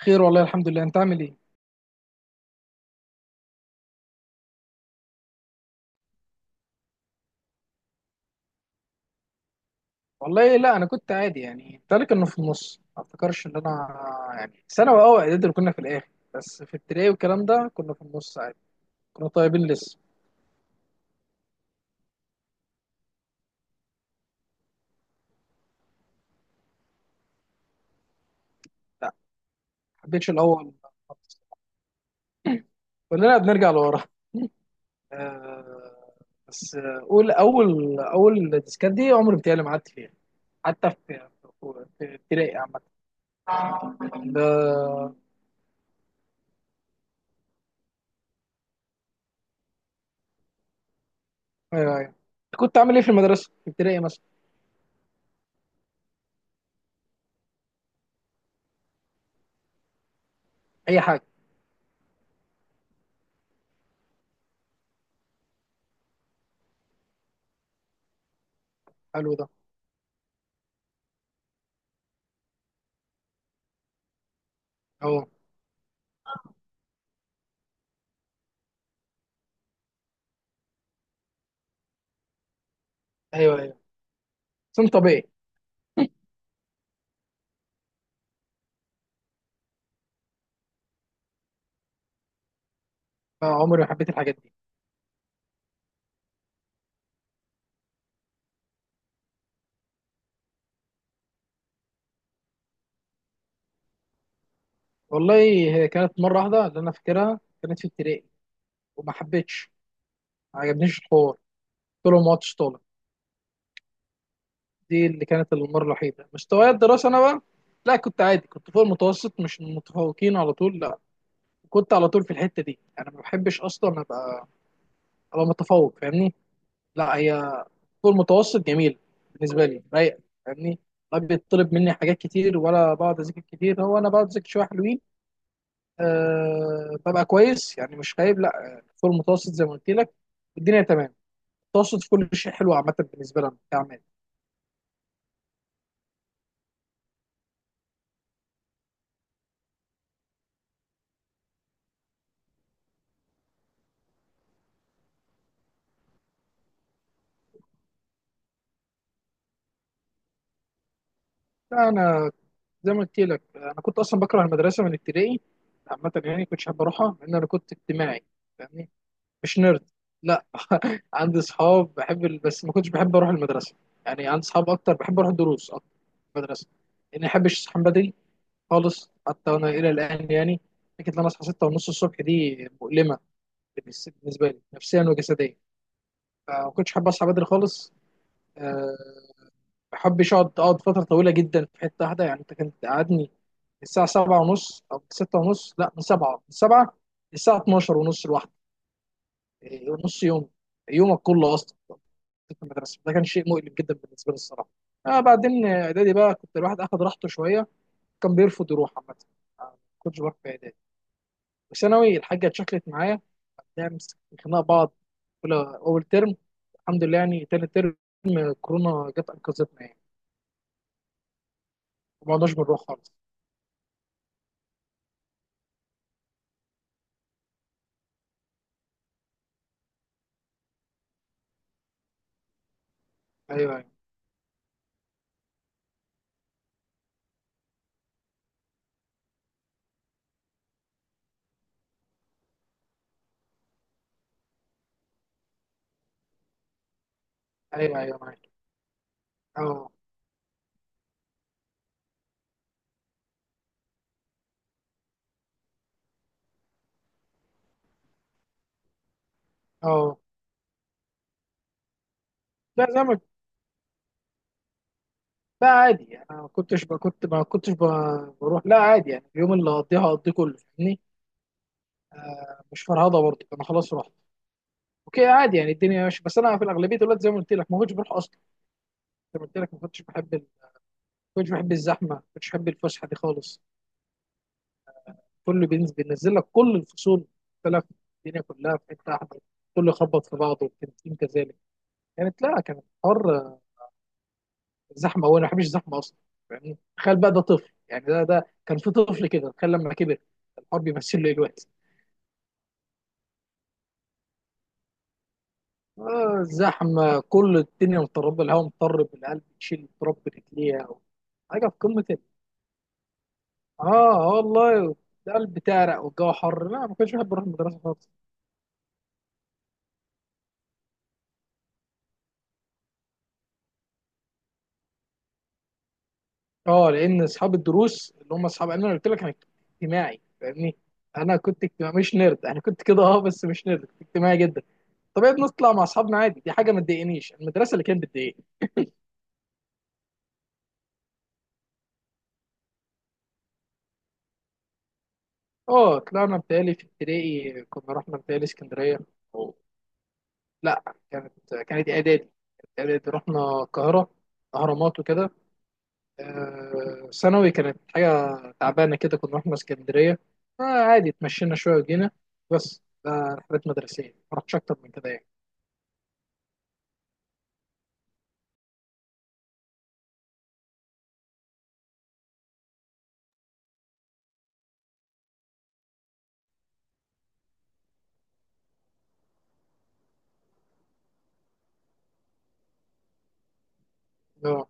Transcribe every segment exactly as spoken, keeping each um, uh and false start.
خير والله، الحمد لله. انت عامل ايه؟ والله لا، انا كنت عادي يعني، ذلك انه في النص. ما افتكرش ان انا يعني ثانوي، اه اعدادي اللي كنا في الاخر. بس في ابتدائي والكلام ده كنا في النص عادي. كنا طيبين لسه. لا، ما حبيتش الاول خالص. كلنا بنرجع لورا. آه، بس آه، اول اول اول ديسكات دي عمري بتهيألي ما قعدت فيها، حتى في في في ابتدائي عامة. ده- ايوه، ايوه. كنت عامل ايه في المدرسة في ابتدائي مثلا؟ اي حاجة. حلو ده. اهو. ايوه، ايوه، سن طبيعي. آه، عمري ما حبيت الحاجات دي. والله هي كانت مره واحده اللي انا فاكرها، كانت في ابتدائي، وما حبيتش، ما عجبنيش الحوار، قلت لهم ما عدتش طالب. دي اللي كانت المره الوحيده. مستواي الدراسه انا بقى لا، كنت عادي، كنت فوق المتوسط، مش من المتفوقين على طول. لا، كنت على طول في الحته دي. انا ما بحبش اصلا ابقى ابقى متفوق، فاهمني؟ لا، هي فوق المتوسط جميل بالنسبه لي، رايق، فاهمني؟ ما بيطلب مني حاجات كتير ولا بقعد اذاكر كتير، هو انا بقعد اذاكر شويه حلوين. أه، ببقى كويس يعني، مش خايب لا، آه، فوق المتوسط زي ما قلت لك. الدنيا تمام. المتوسط في كل شيء حلو عامه بالنسبه لنا كعمل. لا، انا زي ما قلت لك، انا كنت اصلا بكره المدرسه من ابتدائي عامه، يعني كنتش حابب اروحها، لان انا كنت اجتماعي فاهمني، مش نيرد. لا، عندي اصحاب، بحب ال- بس ما كنتش بحب اروح المدرسه. يعني عندي اصحاب اكتر، بحب اروح الدروس اكتر من المدرسه، لاني ما بحبش اصحى بدري خالص، حتى وانا الى الان يعني. فكره ان انا اصحى سته ونص الصبح دي مؤلمه بالنس- بالنسبه لي نفسيا وجسديا. فما كنتش حابب اصحى بدري خالص. أه ما بحبش اقعد اقعد فتره طويله جدا في حته واحده. يعني انت كنت قعدني الساعه سبعه ونص او سته ونص، لا، من سبعه من سبعه للساعه اتناشر ونص لوحدي. إيه، نص يوم، يومك كله اصلا في المدرسه. ده كان شيء مؤلم جدا بالنسبه لي الصراحه. آه بعدين آه، اعدادي بقى كنت الواحد اخد راحته شويه. كان بيرفض يروح عامه. آه، ما كنتش بروح في اعدادي. وثانوي الحاجه اتشكلت معايا، بنعمل خناقه بعض اولى اول ترم، الحمد لله. يعني تاني ترم كورونا جت انقذتنا يعني، ما قعدناش بنروح خالص. ايوه، ايوه. ايوه، ايوه، معاك. اه، اه. لا، زي ما لا، عادي. انا ما كنتش ب- كنت، ما كنتش ب- بروح، لا، عادي. يعني اليوم اللي هقضيه هقضيه كله فاهمني. مش فرهضه برضه، انا خلاص رحت. اوكي، عادي، يعني الدنيا ماشيه. بس انا في الاغلبيه دلوقتي زي ما قلت لك ما كنتش بروح اصلا. زي ما قلت لك ما كنتش بحب ال... ما كنتش بحب الزحمه، ما كنتش بحب الفسحه دي خالص. كله بينزل بينزل لك كل الفصول. مختلف. الدنيا كلها في حته واحده، كله يخبط في بعضه، والتنسيق كذلك. كانت، لا، كانت حر، زحمه. هو أنا ما بحبش الزحمه اصلا، يعني تخيل بقى. ده طفل يعني، ده ده كان في طفل كده، تخيل لما كبر، الحر بيمثل له الوقت. آه، زحمه، كل الدنيا مضطربه، الهواء مضطرب، القلب يشيل تراب برجليها، حاجه في قمه ال- اه. آه والله، القلب تعرق والجو حر. لا، ما كنتش بحب اروح المدرسه خالص. اه، لان اصحاب الدروس اللي هم اصحاب، انا قلت لك انا اجتماعي فاهمني. انا كنت اجتماعي مش نيرد. انا كنت كده اه بس مش نيرد، كنت اجتماعي جدا. طبيعي بنطلع مع اصحابنا عادي، دي حاجه ما تضايقنيش. المدرسه اللي كانت بتضايقني. اه، طلعنا بتهيألي في ابتدائي كنا رحنا بتهيألي اسكندريه، أو لا، كانت كانت اعدادي كانت اعدادي رحنا القاهره، اهرامات وكده. آه، ثانوي كانت حاجه تعبانه كده، كنا رحنا اسكندريه. آه، عادي، اتمشينا شويه وجينا. بس ده رحلات مدرسيه، ما رحتش اكتر من كده يعني. اه،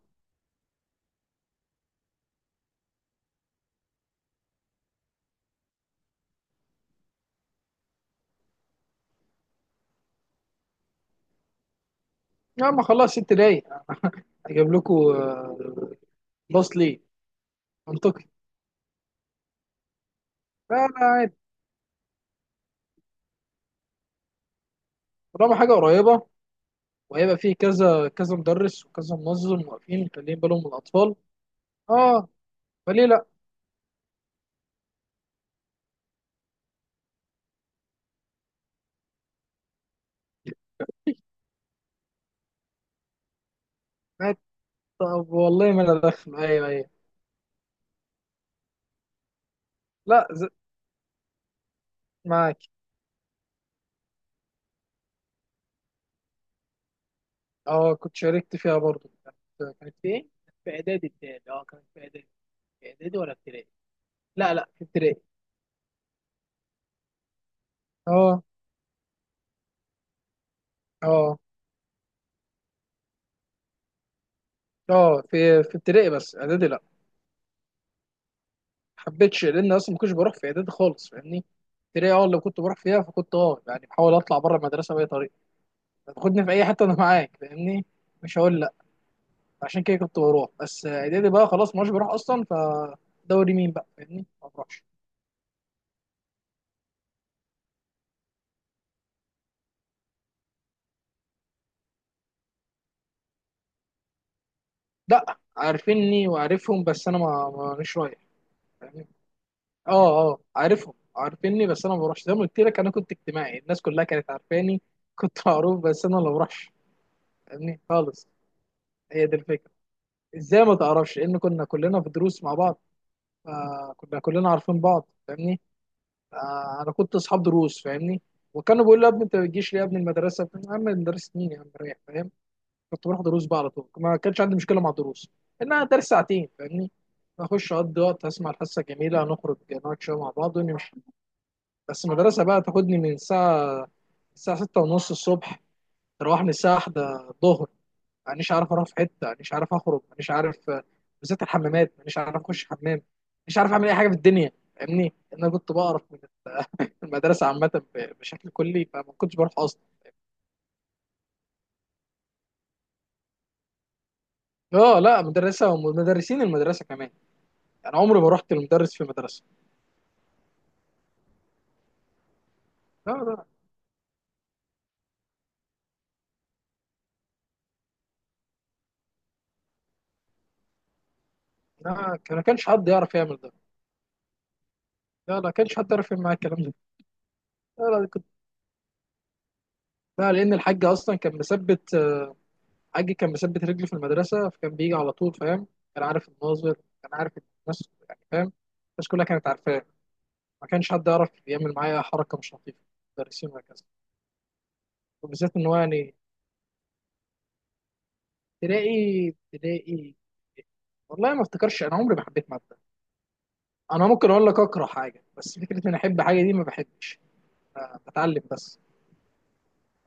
يا ما خلاص، ست دقايق! اجيب لكم آه، باص ليه؟ منطقي. لا، لا، عادي. طالما حاجه قريبه وهيبقى فيه كذا كذا مدرس وكذا منظم واقفين مخليين بالهم من الاطفال، اه، فليه لا؟ معاك. طب والله ما انا داخل. ايوه، ايوه. لا، ز... معاك. اه، كنت شاركت فيها برضو. كانت كانت في ايه؟ في اعدادي بتاعي، اه كانت في اعدادي. في اعدادي ولا ابتدائي؟ لا، لا، في ابتدائي. اه، اه، اه، في في ابتدائي، بس اعدادي لا. حبيتش لان اصلا ما كنتش بروح في اعدادي خالص فاهمني. ابتدائي اه لو كنت بروح فيها فكنت اه يعني بحاول اطلع بره المدرسه باي طريقه. تاخدني في اي حته انا معاك فاهمني. مش هقول. عشان كده كنت بروح. بس اعدادي بقى خلاص ما عادش بروح اصلا، فدوري مين بقى فاهمني، ما بروحش. لا، عارفيني وعارفهم، بس انا ما ما- مش رايح فاهمني. اه، اه، عارفهم عارفيني، بس انا ما بروحش. زي ما قلت لك انا كنت اجتماعي، الناس كلها كانت عارفاني، كنت معروف، بس انا ما بروحش فاهمني خالص. هي دي الفكره. ازاي ما تعرفش؟ لان كنا كلنا في دروس مع بعض، فكنا كلنا عارفين بعض فاهمني. آه، انا كنت اصحاب دروس فاهمني. وكانوا بيقولوا لي، يا ابني انت ما بتجيش ليه؟ يا ابني المدرسه يا عم، مدرسه مين يا عم، رايح؟ فاهم؟ كنت بروح دروس بقى على طول. ما كانش عندي مشكله مع الدروس، انها درس ساعتين فاهمني. اخش اقضي وقت، اسمع الحصه جميله، نخرج نقعد شويه مع بعض ونمشي. بس المدرسه بقى تاخدني من الساعه الساعه سته ونص الصبح، تروحني الساعه واحده الظهر. مانيش عارف اروح في حته، مانيش عارف اخرج، مانيش عارف، بالذات الحمامات مانيش عارف اخش حمام، مش عارف اعمل اي حاجه في الدنيا فاهمني. لأن انا كنت بقرف من المدرسه عامه، ب- بشكل كلي، فما كنتش بروح اصلا. اه، لا، مدرسه ومدرسين المدرسه كمان، يعني عمري ما رحت لمدرس في المدرسه. لا، لا، لا، ما كانش حد يعرف يعمل ده. لا، لا، ما كانش حد يعرف يعمل معايا الكلام ده. لا، لا، كنت، لا، لان الحاج اصلا كان مثبت. حاجي كان مثبت رجلي في المدرسه، فكان بيجي على طول فاهم. كان عارف الناظر، كان عارف الناس يعني فاهم، الناس كلها كانت عارفاه. ما كانش حد يعرف يعمل معايا حركه مش لطيفه، مدرسين وهكذا. وبالذات ان هو يعني تلاقي تلاقي، والله ما افتكرش انا عمري ما حبيت ماده. انا ممكن اقول لك اكره حاجه، بس فكره اني احب حاجه دي ما بحبش. أنا بتعلم بس.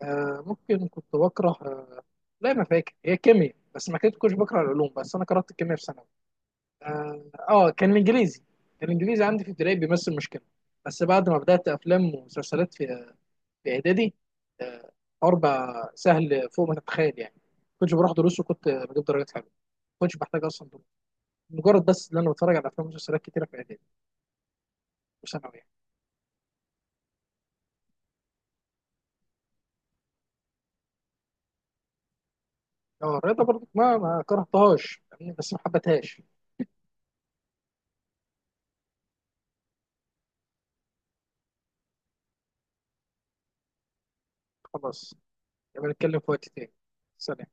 آه، ممكن كنت بكره. آه، لا، ما فاكر. هي كيمياء. بس ما كنت كنتش بكره العلوم، بس انا كرهت الكيمياء في ثانوي. اه، آه، كان الانجليزي كان الانجليزي عندي في ابتدائي بيمثل مشكله. بس بعد ما بدات افلام ومسلسلات في في اعدادي، آه، اربع سهل فوق ما تتخيل يعني. كنتش بروح دروس وكنت بجيب درجات حلوه. كنتش بحتاج اصلا دروس، مجرد بس ان انا بتفرج على افلام ومسلسلات كتيره في اعدادي وثانوي يعني. اه، الرياضه برضه ما ما كرهتهاش فاهمني؟ بس ما حبتهاش. خلاص، يبقى نتكلم في وقت تاني. سلام.